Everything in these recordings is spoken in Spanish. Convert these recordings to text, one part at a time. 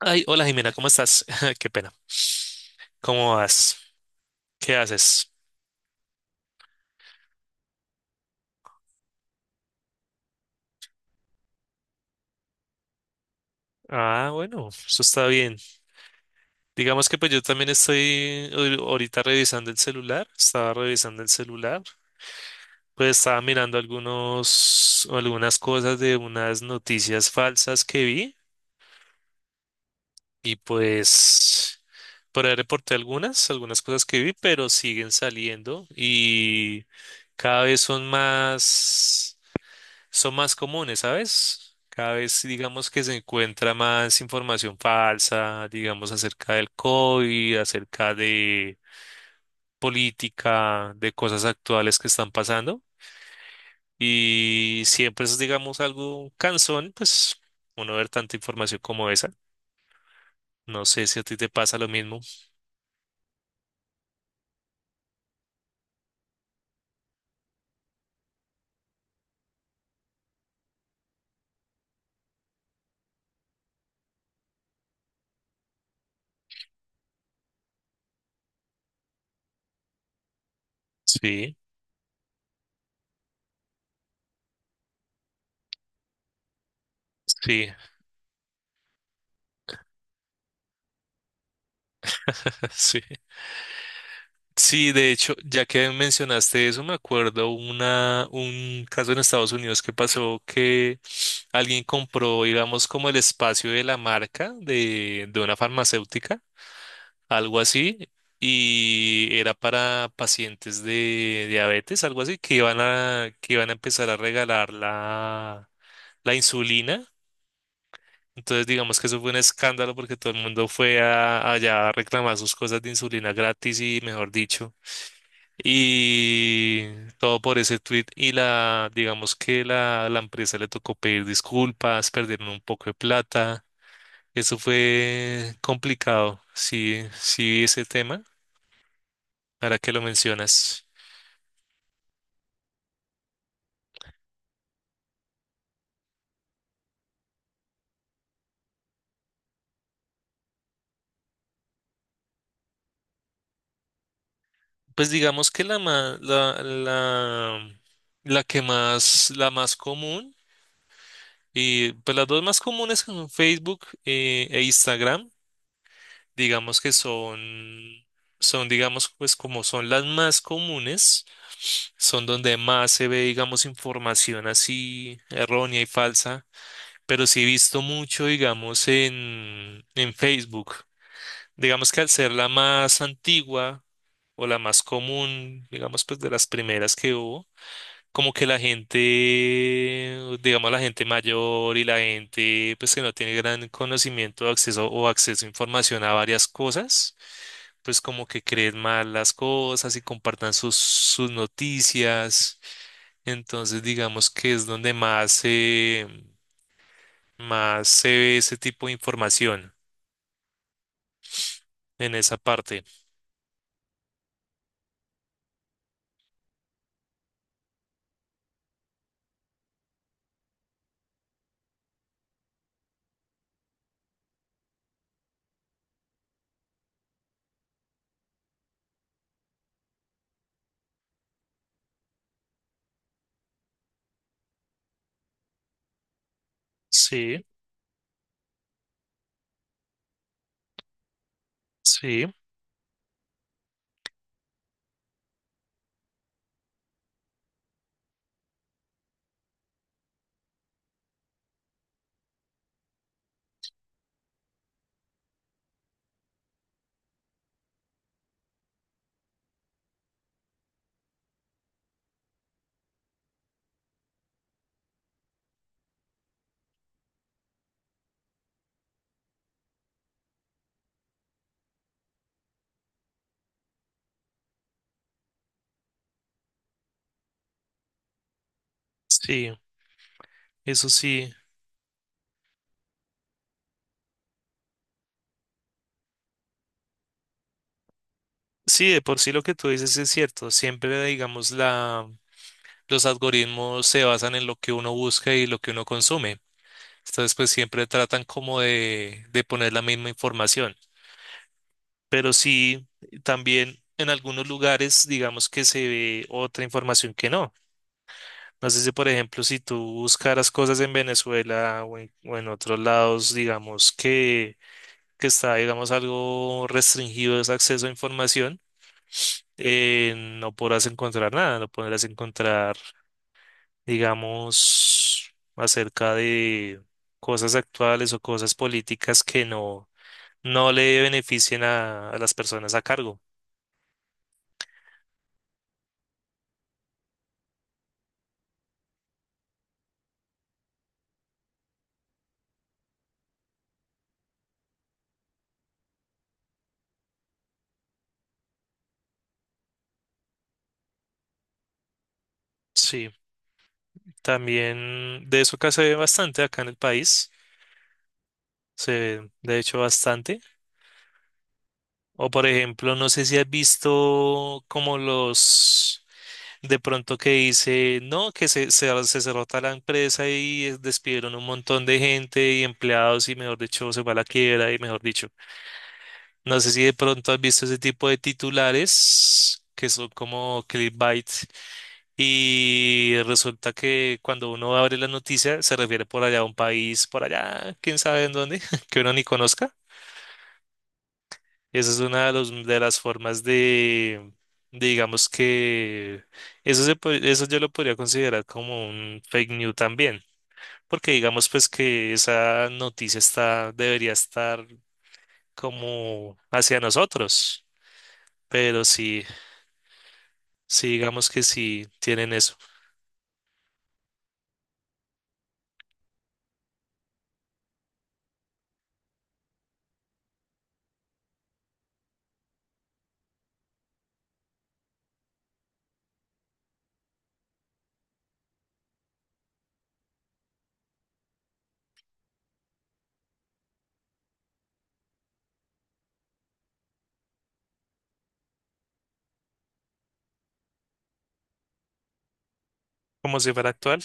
Ay, hola Jimena, ¿cómo estás? Qué pena. ¿Cómo vas? ¿Qué haces? Ah, bueno, eso está bien. Digamos que pues yo también estoy ahorita revisando el celular, estaba revisando el celular, pues estaba mirando algunas cosas de unas noticias falsas que vi y pues por ahí reporté algunas cosas que vi, pero siguen saliendo y cada vez son más son más comunes, ¿sabes? Cada vez digamos que se encuentra más información falsa, digamos, acerca del COVID, acerca de política, de cosas actuales que están pasando. Y siempre es, digamos, algo cansón, pues, uno ver tanta información como esa. No sé si a ti te pasa lo mismo. Sí, sí, sí. Sí, de hecho, ya que mencionaste eso, me acuerdo un caso en Estados Unidos que pasó que alguien compró, digamos, como el espacio de la marca de una farmacéutica, algo así, y era para pacientes de diabetes, algo así, que iban a empezar a regalar la insulina. Entonces, digamos que eso fue un escándalo porque todo el mundo allá a reclamar sus cosas de insulina gratis y, mejor dicho. Y todo por ese tweet. Y digamos que la empresa le tocó pedir disculpas, perdieron un poco de plata. Eso fue complicado. Sí, sí, ese tema, ahora que lo mencionas. Pues digamos que la que más, la más común, y pues las dos más comunes son Facebook e Instagram, digamos que son, son, digamos, pues como son las más comunes. Son donde más se ve, digamos, información así errónea y falsa, pero sí he visto mucho, digamos, en Facebook. Digamos que al ser la más antigua o la más común, digamos, pues de las primeras que hubo, como que la gente, digamos, la gente mayor y la gente, pues que no tiene gran conocimiento o acceso a información a varias cosas. Pues como que creen mal las cosas y compartan sus noticias. Entonces, digamos que es donde más se ve ese tipo de información en esa parte. Sí, sí, sí, eso sí. Sí, de por sí lo que tú dices es cierto. Siempre, digamos, la, los algoritmos se basan en lo que uno busca y lo que uno consume. Entonces, pues siempre tratan como de poner la misma información. Pero sí, también en algunos lugares, digamos que se ve otra información que no. No sé si, por ejemplo, si tú buscaras cosas en Venezuela o en otros lados, digamos que está, digamos, algo restringido ese acceso a información, no podrás encontrar nada, no podrás encontrar, digamos, acerca de cosas actuales o cosas políticas que no, no le beneficien a las personas a cargo. Sí, también de eso acá se ve bastante acá en el país, se ve de hecho bastante. O por ejemplo, no sé si has visto como los de pronto que dice, no, se cerró tal empresa y despidieron un montón de gente y empleados y mejor dicho se va a la quiebra y mejor dicho. No sé si de pronto has visto ese tipo de titulares que son como clickbait y resulta que cuando uno abre la noticia se refiere por allá a un país, por allá, quién sabe en dónde, que uno ni conozca. Esa es de las formas de, digamos que eso, eso yo lo podría considerar como un fake news también, porque digamos pues que esa noticia está, debería estar como hacia nosotros, pero sí, sí digamos que sí tienen eso, como si fuera actual,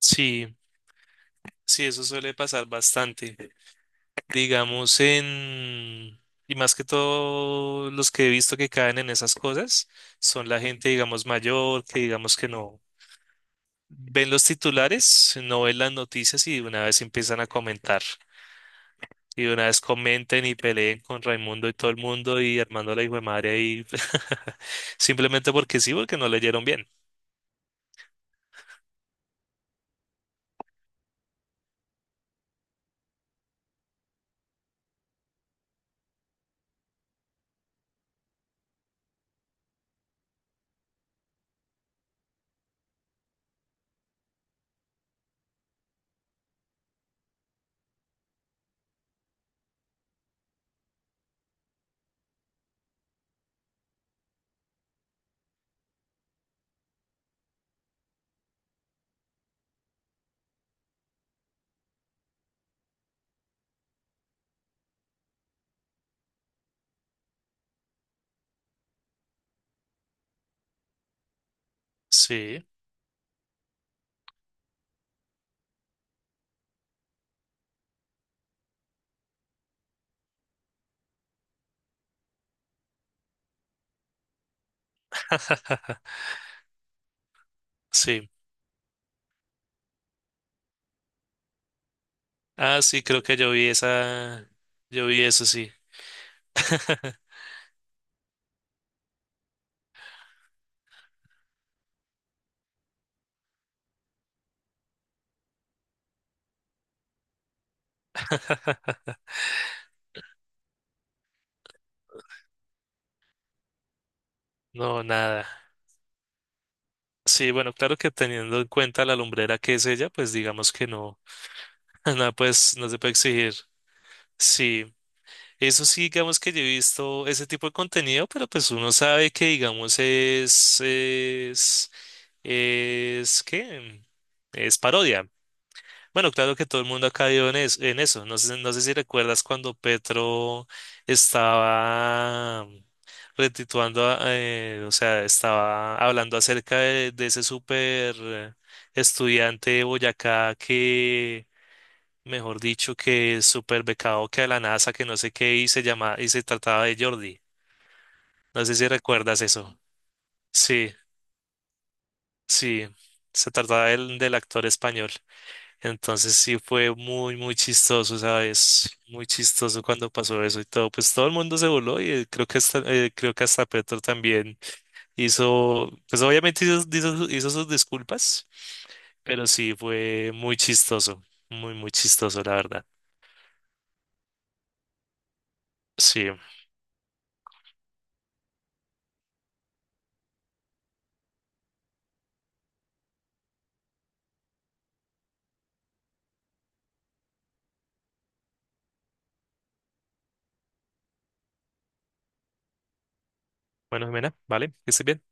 sí, sí, eso suele pasar bastante. Digamos, en... Y más que todo, los que he visto que caen en esas cosas son la gente, digamos, mayor, que digamos que no ven los titulares, no ven las noticias y de una vez empiezan a comentar. Y de una vez comenten y peleen con Raimundo y todo el mundo y Armando la hijo de madre ahí. Simplemente porque sí, porque no leyeron bien. Sí, sí. Ah, sí, creo que yo vi esa. Yo vi eso, sí. No, nada. Sí, bueno, claro que teniendo en cuenta la lumbrera que es ella, pues digamos que no. No, pues no se puede exigir. Sí, eso sí, digamos que yo he visto ese tipo de contenido, pero pues uno sabe que, digamos, es, ¿qué? Es parodia. Bueno, claro que todo el mundo ha caído en, en eso. No sé si recuerdas cuando Petro estaba retituando, o sea, estaba hablando acerca de ese súper estudiante de Boyacá que mejor dicho, que super becado que de la NASA, que no sé qué, y se llama, y se trataba de Jordi. No sé si recuerdas eso. Sí, sí, se trataba del actor español. Entonces sí fue muy, muy chistoso, ¿sabes? Muy chistoso cuando pasó eso y todo. Pues todo el mundo se voló y creo que hasta Petro también hizo, pues obviamente hizo sus disculpas, pero sí fue muy chistoso, muy, muy chistoso, la verdad. Sí. Bueno, Jimena, vale, que estés bien.